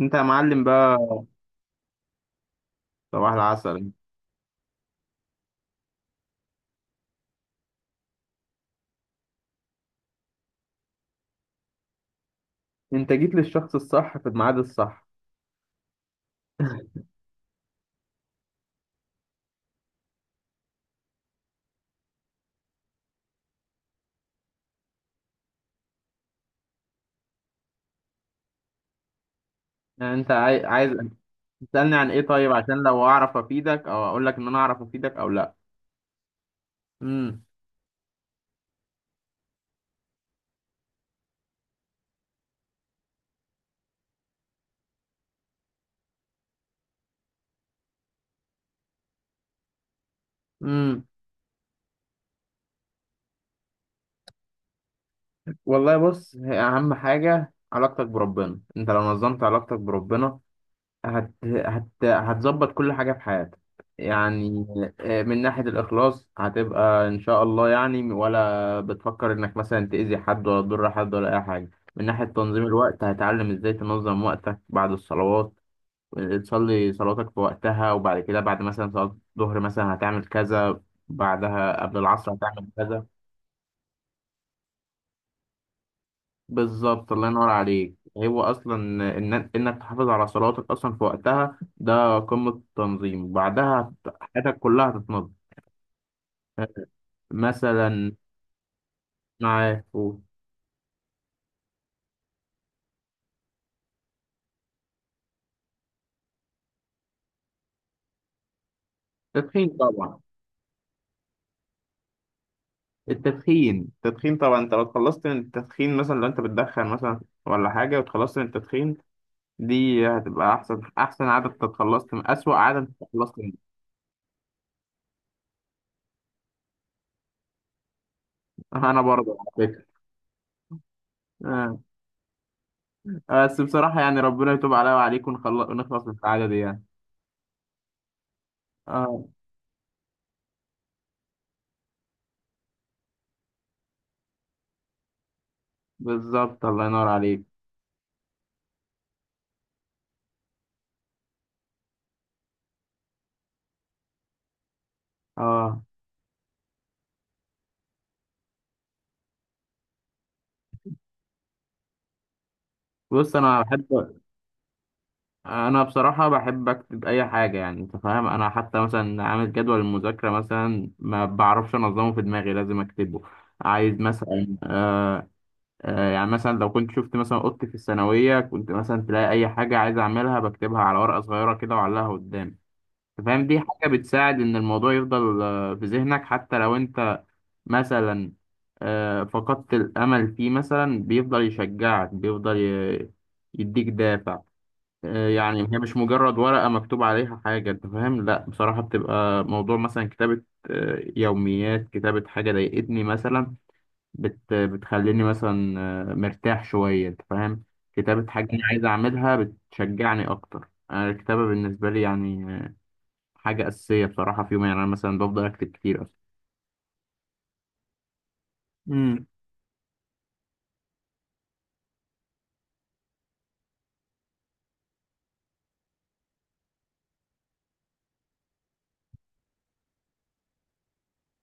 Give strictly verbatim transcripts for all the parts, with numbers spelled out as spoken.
انت يا معلم بقى. صباح العسل. انت جيت للشخص الصح في الميعاد الصح. يعني انت عاي... عايز تسألني عن ايه؟ طيب عشان لو اعرف افيدك او اقول لك ان انا اعرف افيدك او لا. امم امم والله بص، هي اهم حاجة علاقتك بربنا. انت لو نظمت علاقتك بربنا هت... هت... هتظبط كل حاجة في حياتك يعني. آه، من ناحية الإخلاص هتبقى إن شاء الله يعني، ولا بتفكر إنك مثلا تأذي حد ولا تضر حد ولا أي حاجة. من ناحية تنظيم الوقت هتعلم إزاي تنظم وقتك بعد الصلوات. تصلي صلاتك في وقتها، وبعد كده بعد مثلا صلاة الظهر مثلا هتعمل كذا، بعدها قبل العصر هتعمل كذا. بالظبط الله ينور عليك. هو اصلا إن انك تحافظ على صلواتك اصلا في وقتها ده قمة التنظيم. بعدها حياتك كلها هتتنظم مثلا. معاه قول. تدخين طبعا. التدخين. التدخين طبعا، انت لو اتخلصت من التدخين مثلا، لو انت بتدخن مثلا ولا حاجة واتخلصت من التدخين، دي هتبقى احسن احسن عادة. انت اتخلصت من اسوأ عادة انت اتخلصت منها. انا برضه على فكرة. آه. بس بصراحة يعني ربنا يتوب عليا وعليك ونخل- ونخلص من العادة دي يعني. آه. بالظبط الله ينور عليك. اه، بص. انا بحب، انا بصراحه بحب اكتب اي حاجه، يعني انت فاهم؟ انا حتى مثلا عامل جدول المذاكره مثلا ما بعرفش انظمه في دماغي، لازم اكتبه. عايز مثلا آه يعني، مثلا لو كنت شفت مثلا اوضتي في الثانويه كنت مثلا تلاقي اي حاجه عايز اعملها بكتبها على ورقه صغيره كده واعلقها قدامي. انت فاهم؟ دي حاجه بتساعد ان الموضوع يفضل آه، في ذهنك، حتى لو انت مثلا آه، فقدت الأمل فيه مثلا، بيفضل يشجعك، بيفضل ي- يديك دافع. آه، يعني هي مش مجرد ورقة مكتوب عليها حاجة، أنت فاهم؟ لأ، بصراحة بتبقى موضوع مثلا كتابة آه، يوميات، كتابة حاجة ضايقتني مثلا بت بتخليني مثلا آه، مرتاح شوية، أنت فاهم؟ كتابة حاجة أنا عايز أعملها بتشجعني أكتر. أنا الكتابة بالنسبة لي يعني آه، حاجة أساسية بصراحة في يومي يعني. أنا مثلا بفضل أكتب كتير أصلا.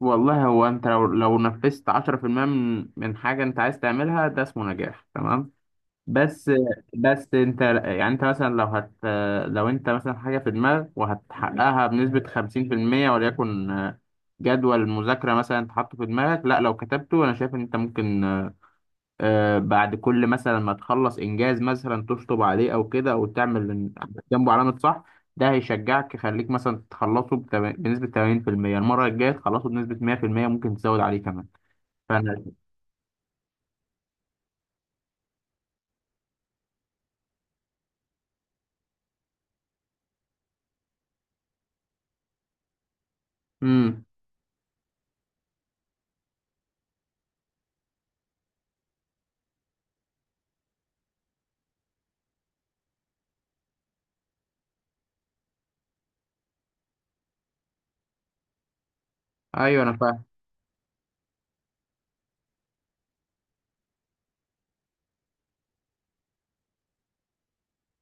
والله هو انت لو لو نفذت عشرة في المية من من حاجة انت عايز تعملها ده اسمه نجاح تمام. بس بس انت يعني، انت مثلا لو هت لو انت مثلا حاجة في دماغك وهتحققها بنسبة خمسين في المية وليكن. جدول مذاكرة مثلا انت حاطه في دماغك، لا، لو كتبته انا شايف ان انت ممكن آه، بعد كل مثلا ما تخلص انجاز مثلا تشطب عليه او كده، او تعمل جنبه علامه صح. ده هيشجعك يخليك مثلا تخلصه بتم- بنسبه تمانين في المية، المره الجايه تخلصه بنسبه مية في المية، ممكن تزود عليه كمان. فانا. امم، ايوه انا فاهم.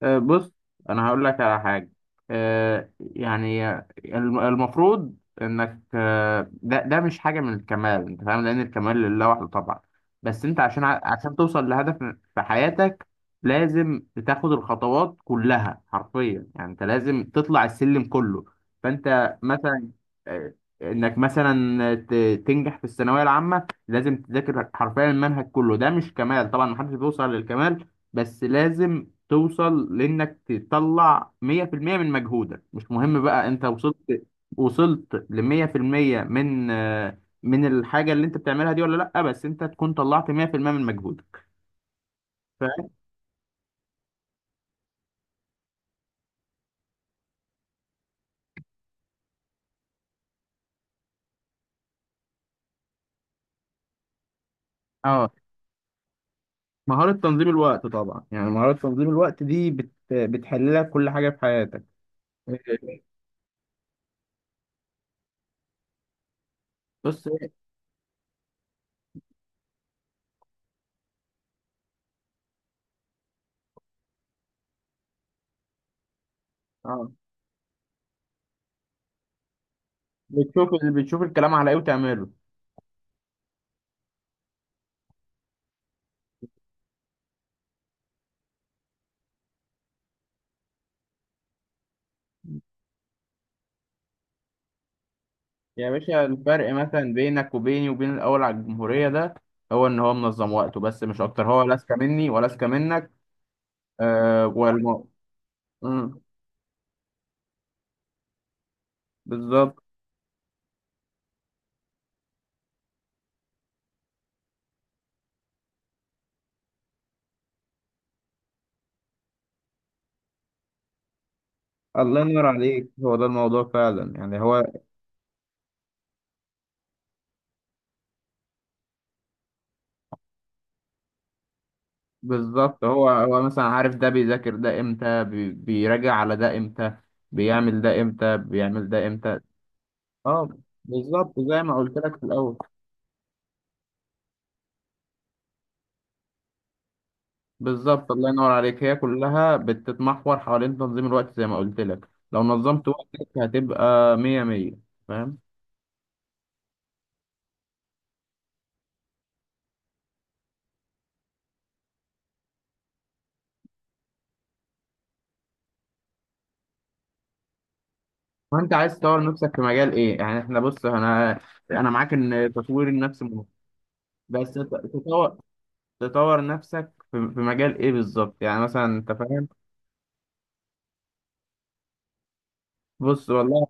آه، بص، انا هقول لك على حاجه آه، يعني، الم- المفروض انك، آه، ده ده مش حاجه من الكمال، انت فاهم، لان الكمال لله وحده طبعا. بس انت عشان ع- عشان توصل لهدف في حياتك، لازم تاخد الخطوات كلها حرفيا يعني. انت لازم تطلع السلم كله. فانت مثلا آه، انك مثلا ت- تنجح في الثانويه العامه لازم تذاكر حرفيا المنهج كله. ده مش كمال طبعا، محدش بيوصل للكمال، بس لازم توصل لانك تطلع مية في المية من مجهودك. مش مهم بقى انت وصلت وصلت ل مية في المية من آه، من الحاجه اللي انت بتعملها دي ولا لا، بس انت تكون طلعت مية في المية من مجهودك. ف... اه، مهاره تنظيم الوقت طبعا. يعني مهاره تنظيم الوقت دي بت... بتحل لك كل حاجه في حياتك. إيه. بص. اه، بتشوف بتشوف الكلام على ايه وتعمله. يا باشا، الفرق مثلا بينك وبيني وبين الاول على الجمهوريه ده، هو ان هو منظم وقته بس، مش اكتر. هو لا اذكى مني ولا اذكى منك. آه والم... مم، بالظبط. الله ينور عليك. هو ده الموضوع فعلا يعني. هو بالظبط. هو هو مثلا عارف ده بيذاكر ده امتى، بي... بيراجع على ده امتى، بيعمل ده امتى، بيعمل ده امتى. اه بالظبط، زي ما قلت لك في الاول. بالظبط الله ينور عليك. هي كلها بتتمحور حوالين تنظيم الوقت، زي ما قلت لك، لو نظمت وقتك هتبقى مية مية. فاهم. وانت عايز تطور نفسك في مجال ايه يعني؟ احنا بص، انا، انا معاك ان تطوير النفس مهم، بس تطور، تطور نفسك في في مجال ايه بالظبط يعني؟ مثلا انت فاهم. بص والله،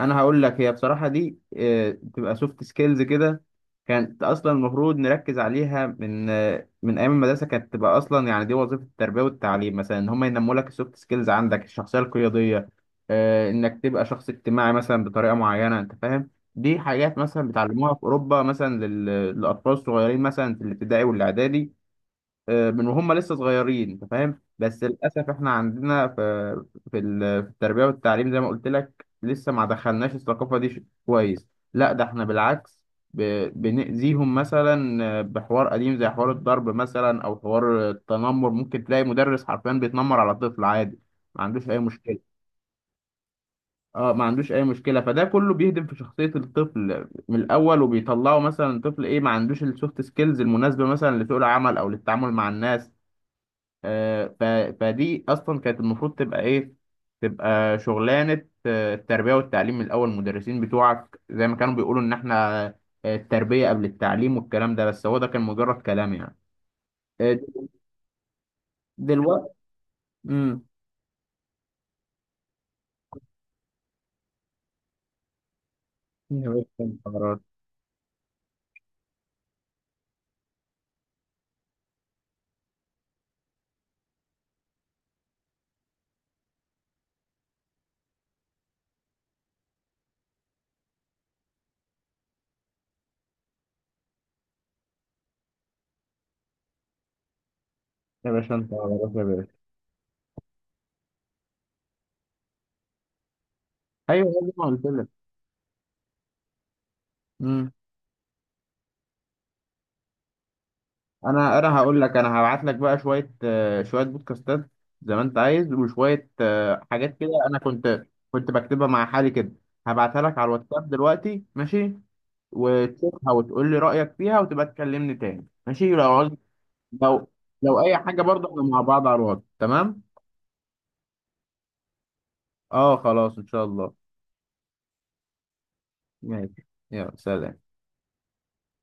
انا هقول لك. هي بصراحه دي آه، تبقى سوفت سكيلز كده. كانت اصلا المفروض نركز عليها من آه، من ايام المدرسه. كانت تبقى اصلا يعني دي وظيفه التربيه والتعليم، مثلا ان هم ينموا لك السوفت سكيلز، عندك الشخصيه القياديه، آه، انك تبقى شخص اجتماعي مثلا بطريقه معينه، انت فاهم. دي حاجات مثلا بيتعلموها في اوروبا مثلا لل- للاطفال الصغيرين مثلا في الابتدائي والاعدادي، آه، من وهم لسه صغيرين، انت فاهم. بس للاسف احنا عندنا في في ال- في التربيه والتعليم، زي ما قلت لك، لسه ما دخلناش الثقافه دي. ش- كويس. لا ده احنا بالعكس ب- بنأذيهم مثلا آه، بحوار قديم زي حوار الضرب مثلا او حوار التنمر. ممكن تلاقي مدرس حرفيا بيتنمر على طفل عادي ما عندوش اي مشكله. اه، ما عندوش اي مشكله. فده كله بيهدم في شخصيه الطفل من الاول، وبيطلعه مثلا طفل ايه ما عندوش السوفت سكيلز المناسبه مثلا لسوق العمل او للتعامل مع الناس. آه، ف... فدي اصلا كانت المفروض تبقى ايه، تبقى شغلانه آه، التربيه والتعليم من الاول. المدرسين بتوعك زي ما كانوا بيقولوا ان احنا آه، التربيه قبل التعليم والكلام ده، بس هو ده كان مجرد كلام يعني. آه، دلوقتي. امم يا باشا انت عبارات. يا باشا انت عبارات. يا باشا ايوه زي ما قلت لك. امم انا انا هقول لك. انا هبعت لك بقى شويه آه، شويه بودكاستات زي ما انت عايز، وشويه آه، حاجات كده. انا كنت كنت بكتبها مع حالي كده. هبعتها لك على الواتساب دلوقتي، ماشي. وتشوفها وتقول لي رأيك فيها وتبقى تكلمني تاني، ماشي؟ لو عاوز، لو لو أي حاجة برضه احنا مع بعض على الواتس، تمام؟ اه، خلاص إن شاء الله. ماشي، يلا سلام.